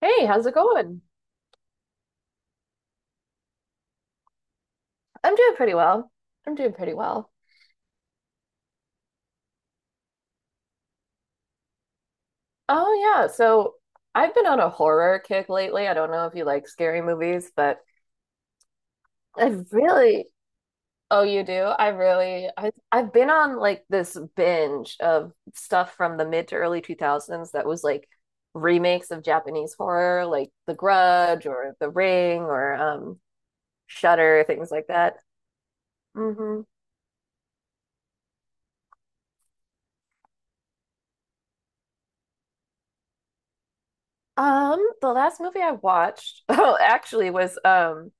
Hey, how's it going? I'm doing pretty well. I'm doing pretty well. Oh yeah, so I've been on a horror kick lately. I don't know if you like scary movies, but I've really Oh, you do? I really I I've been on like this binge of stuff from the mid to early 2000s that was like remakes of Japanese horror, like The Grudge or The Ring or Shudder, things like that. Hmm. The last movie I watched, oh, actually was um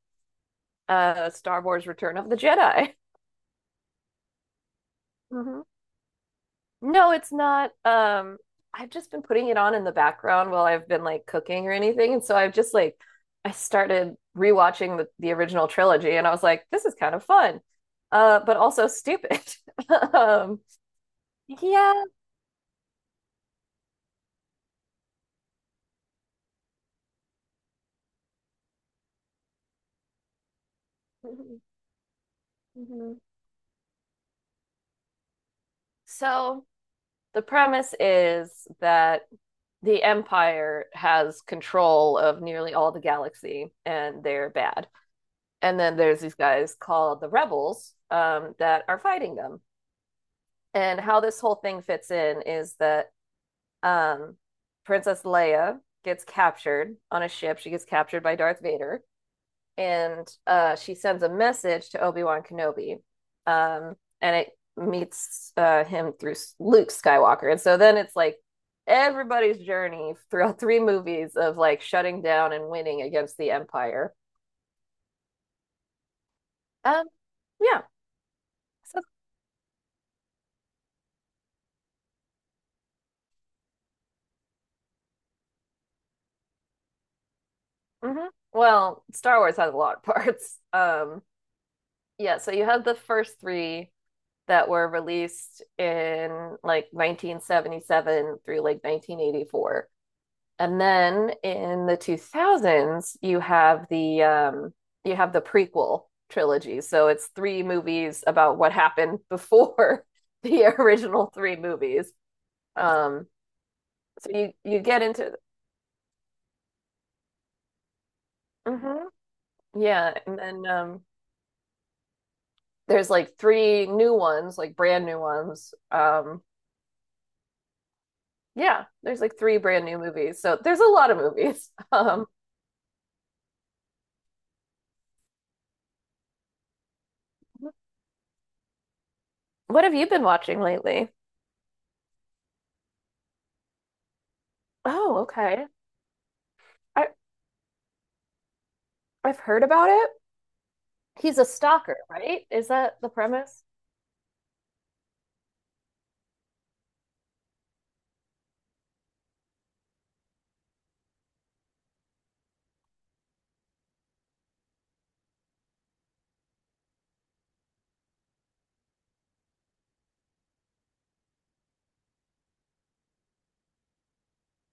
uh Star Wars Return of the Jedi. Mhm. No, it's not. I've just been putting it on in the background while I've been like cooking or anything, and so I've just like I started rewatching the original trilogy, and I was like, this is kind of fun, but also stupid. Um, yeah. Mhm. Mhm. So the premise is that the Empire has control of nearly all the galaxy, and they're bad. And then there's these guys called the rebels that are fighting them. And how this whole thing fits in is that um, Princess Leia gets captured on a ship. She gets captured by Darth Vader, and she sends a message to Obi Wan Kenobi, and it meets him through Luke Skywalker. And so then it's like everybody's journey throughout three movies of like shutting down and winning against the Empire. Um, yeah, so hmm. Well, Star Wars has a lot of parts. Yeah, so you have the first three that were released in like 1977 through like 1984. And then in the 2000s, you have the prequel trilogy. So it's three movies about what happened before the original three movies. Um, so you get into mhm. Yeah, and then there's like three new ones, like brand new ones. Yeah, there's like three brand new movies. So there's a lot of movies. What have you been watching lately? Oh, okay. I I've heard about it. He's a stalker, right? Is that the premise?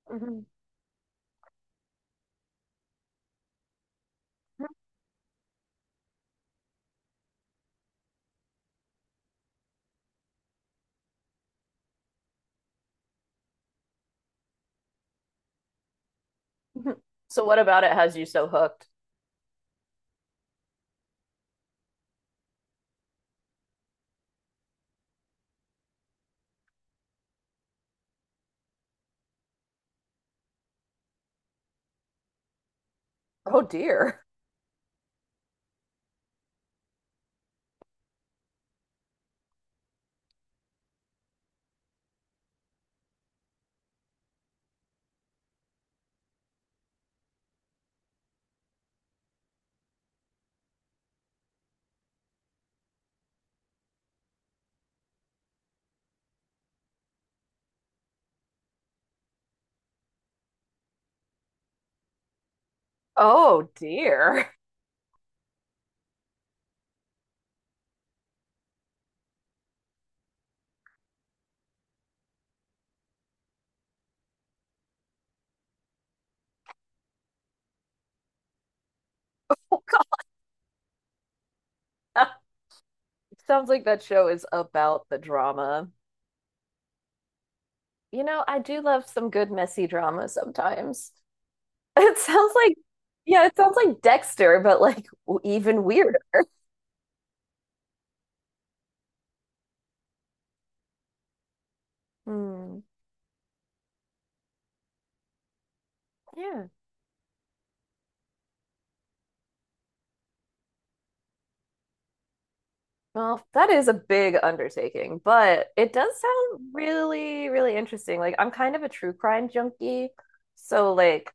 Mhm. Mhm. So what about it has you so hooked? Oh dear. Oh dear. Sounds like that show is about the drama. You know, I do love some good messy drama sometimes. It sounds like, yeah, it sounds like Dexter, but like even weirder. Hmm. Yeah. Well, that is a big undertaking, but it does sound really, really interesting. Like, I'm kind of a true crime junkie. So, like,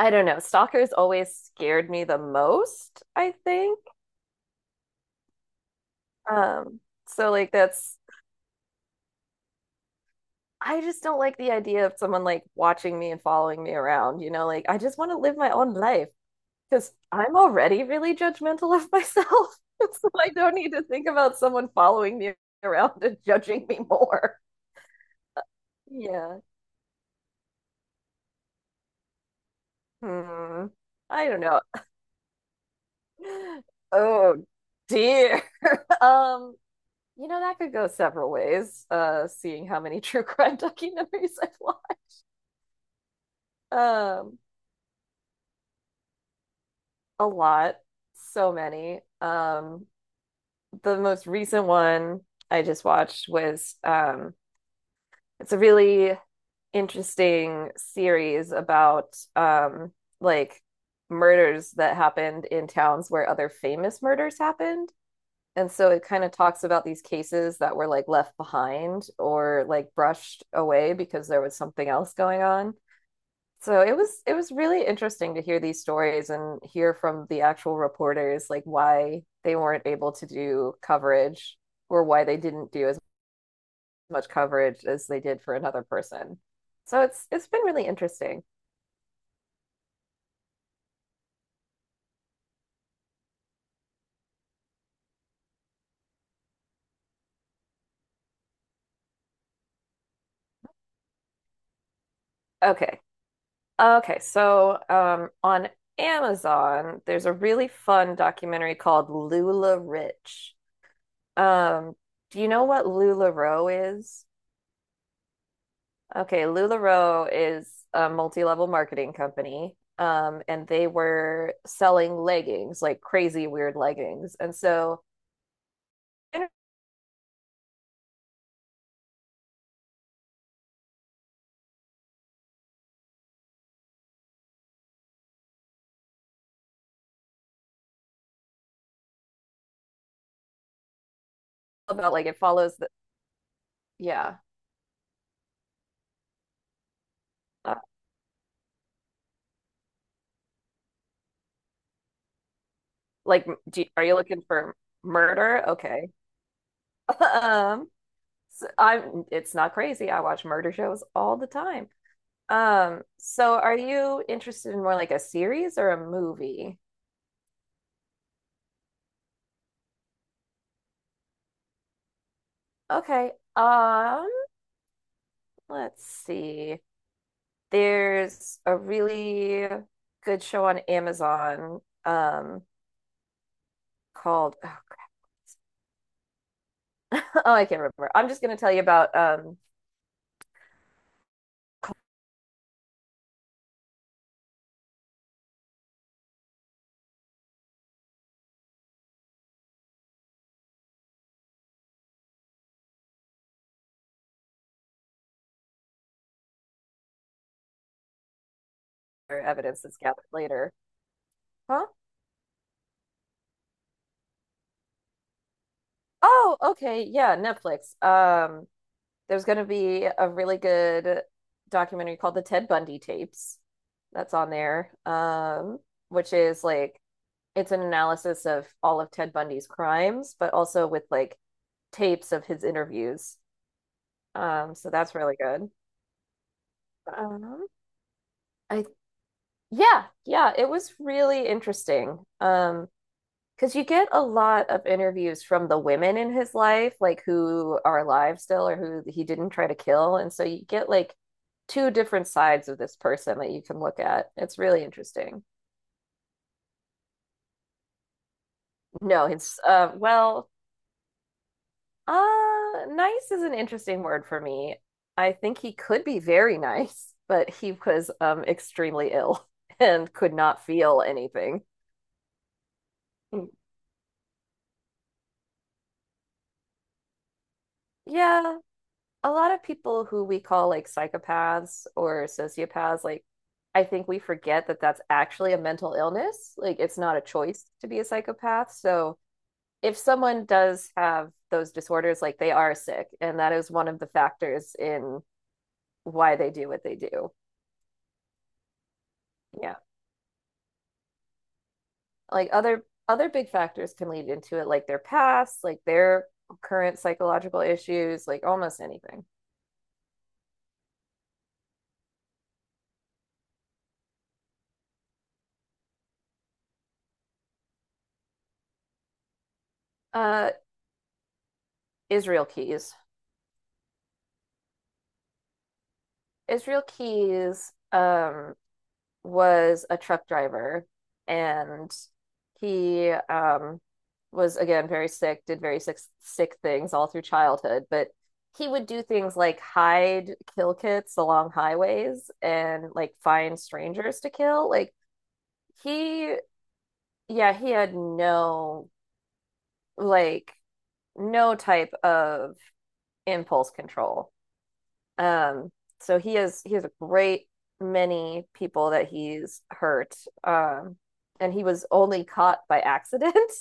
I don't know. Stalkers always scared me the most, I think. Um, so, like, that's, I just don't like the idea of someone like watching me and following me around, you know? Like, I just want to live my own life. Because I'm already really judgmental of myself. So I don't need to think about someone following me around and judging me more. Yeah. Hmm. I don't know. Oh dear. Um, you know, that could go several ways, seeing how many true crime documentaries I've watched. Um, a lot. So many. The most recent one I just watched was it's a really interesting series about like murders that happened in towns where other famous murders happened. And so it kind of talks about these cases that were like left behind or like brushed away because there was something else going on. So it was really interesting to hear these stories and hear from the actual reporters like why they weren't able to do coverage or why they didn't do as much coverage as they did for another person. So it's been really interesting. Okay. Okay, so on Amazon, there's a really fun documentary called Lula Rich. Um, do you know what LuLaRoe is? Okay, LuLaRoe is a multi-level marketing company. And they were selling leggings, like crazy weird leggings. And so about like it follows the yeah. Like, do, are you looking for murder? Okay. Um, it's not crazy. I watch murder shows all the time. So are you interested in more like a series or a movie? Okay. Um, let's see. There's a really good show on Amazon, um, called, oh, crap. Oh, I can't remember. I'm just gonna tell you about, or evidence that's gathered later. Huh? Oh, okay. Yeah, Netflix. There's going to be a really good documentary called The Ted Bundy Tapes that's on there, which is like it's an analysis of all of Ted Bundy's crimes, but also with like tapes of his interviews. So that's really good. Um, I Yeah, yeah, it was really interesting. Because you get a lot of interviews from the women in his life, like who are alive still or who he didn't try to kill. And so you get like two different sides of this person that you can look at. It's really interesting. No, nice is an interesting word for me. I think he could be very nice, but he was extremely ill and could not feel anything. Mm, yeah, a lot of people who we call like psychopaths or sociopaths, like I think we forget that that's actually a mental illness. Like it's not a choice to be a psychopath. So if someone does have those disorders, like they are sick, and that is one of the factors in why they do what they do. Yeah. Like other big factors can lead into it, like their past, like their current psychological issues, like almost anything. Uh, Israel Keys. Israel Keys was a truck driver and he was again very sick, did very sick things all through childhood, but he would do things like hide kill kits along highways and like find strangers to kill. Like he yeah, he had no like no type of impulse control. Um, so he has a great many people that he's hurt. Um, and he was only caught by accident.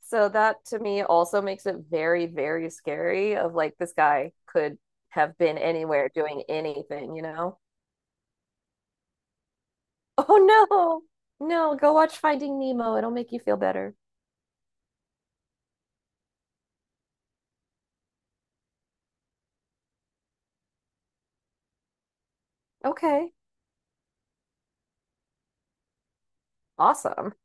So that to me also makes it very, very scary of like this guy could have been anywhere doing anything, you know? Oh no. No, go watch Finding Nemo. It'll make you feel better. Okay. Awesome.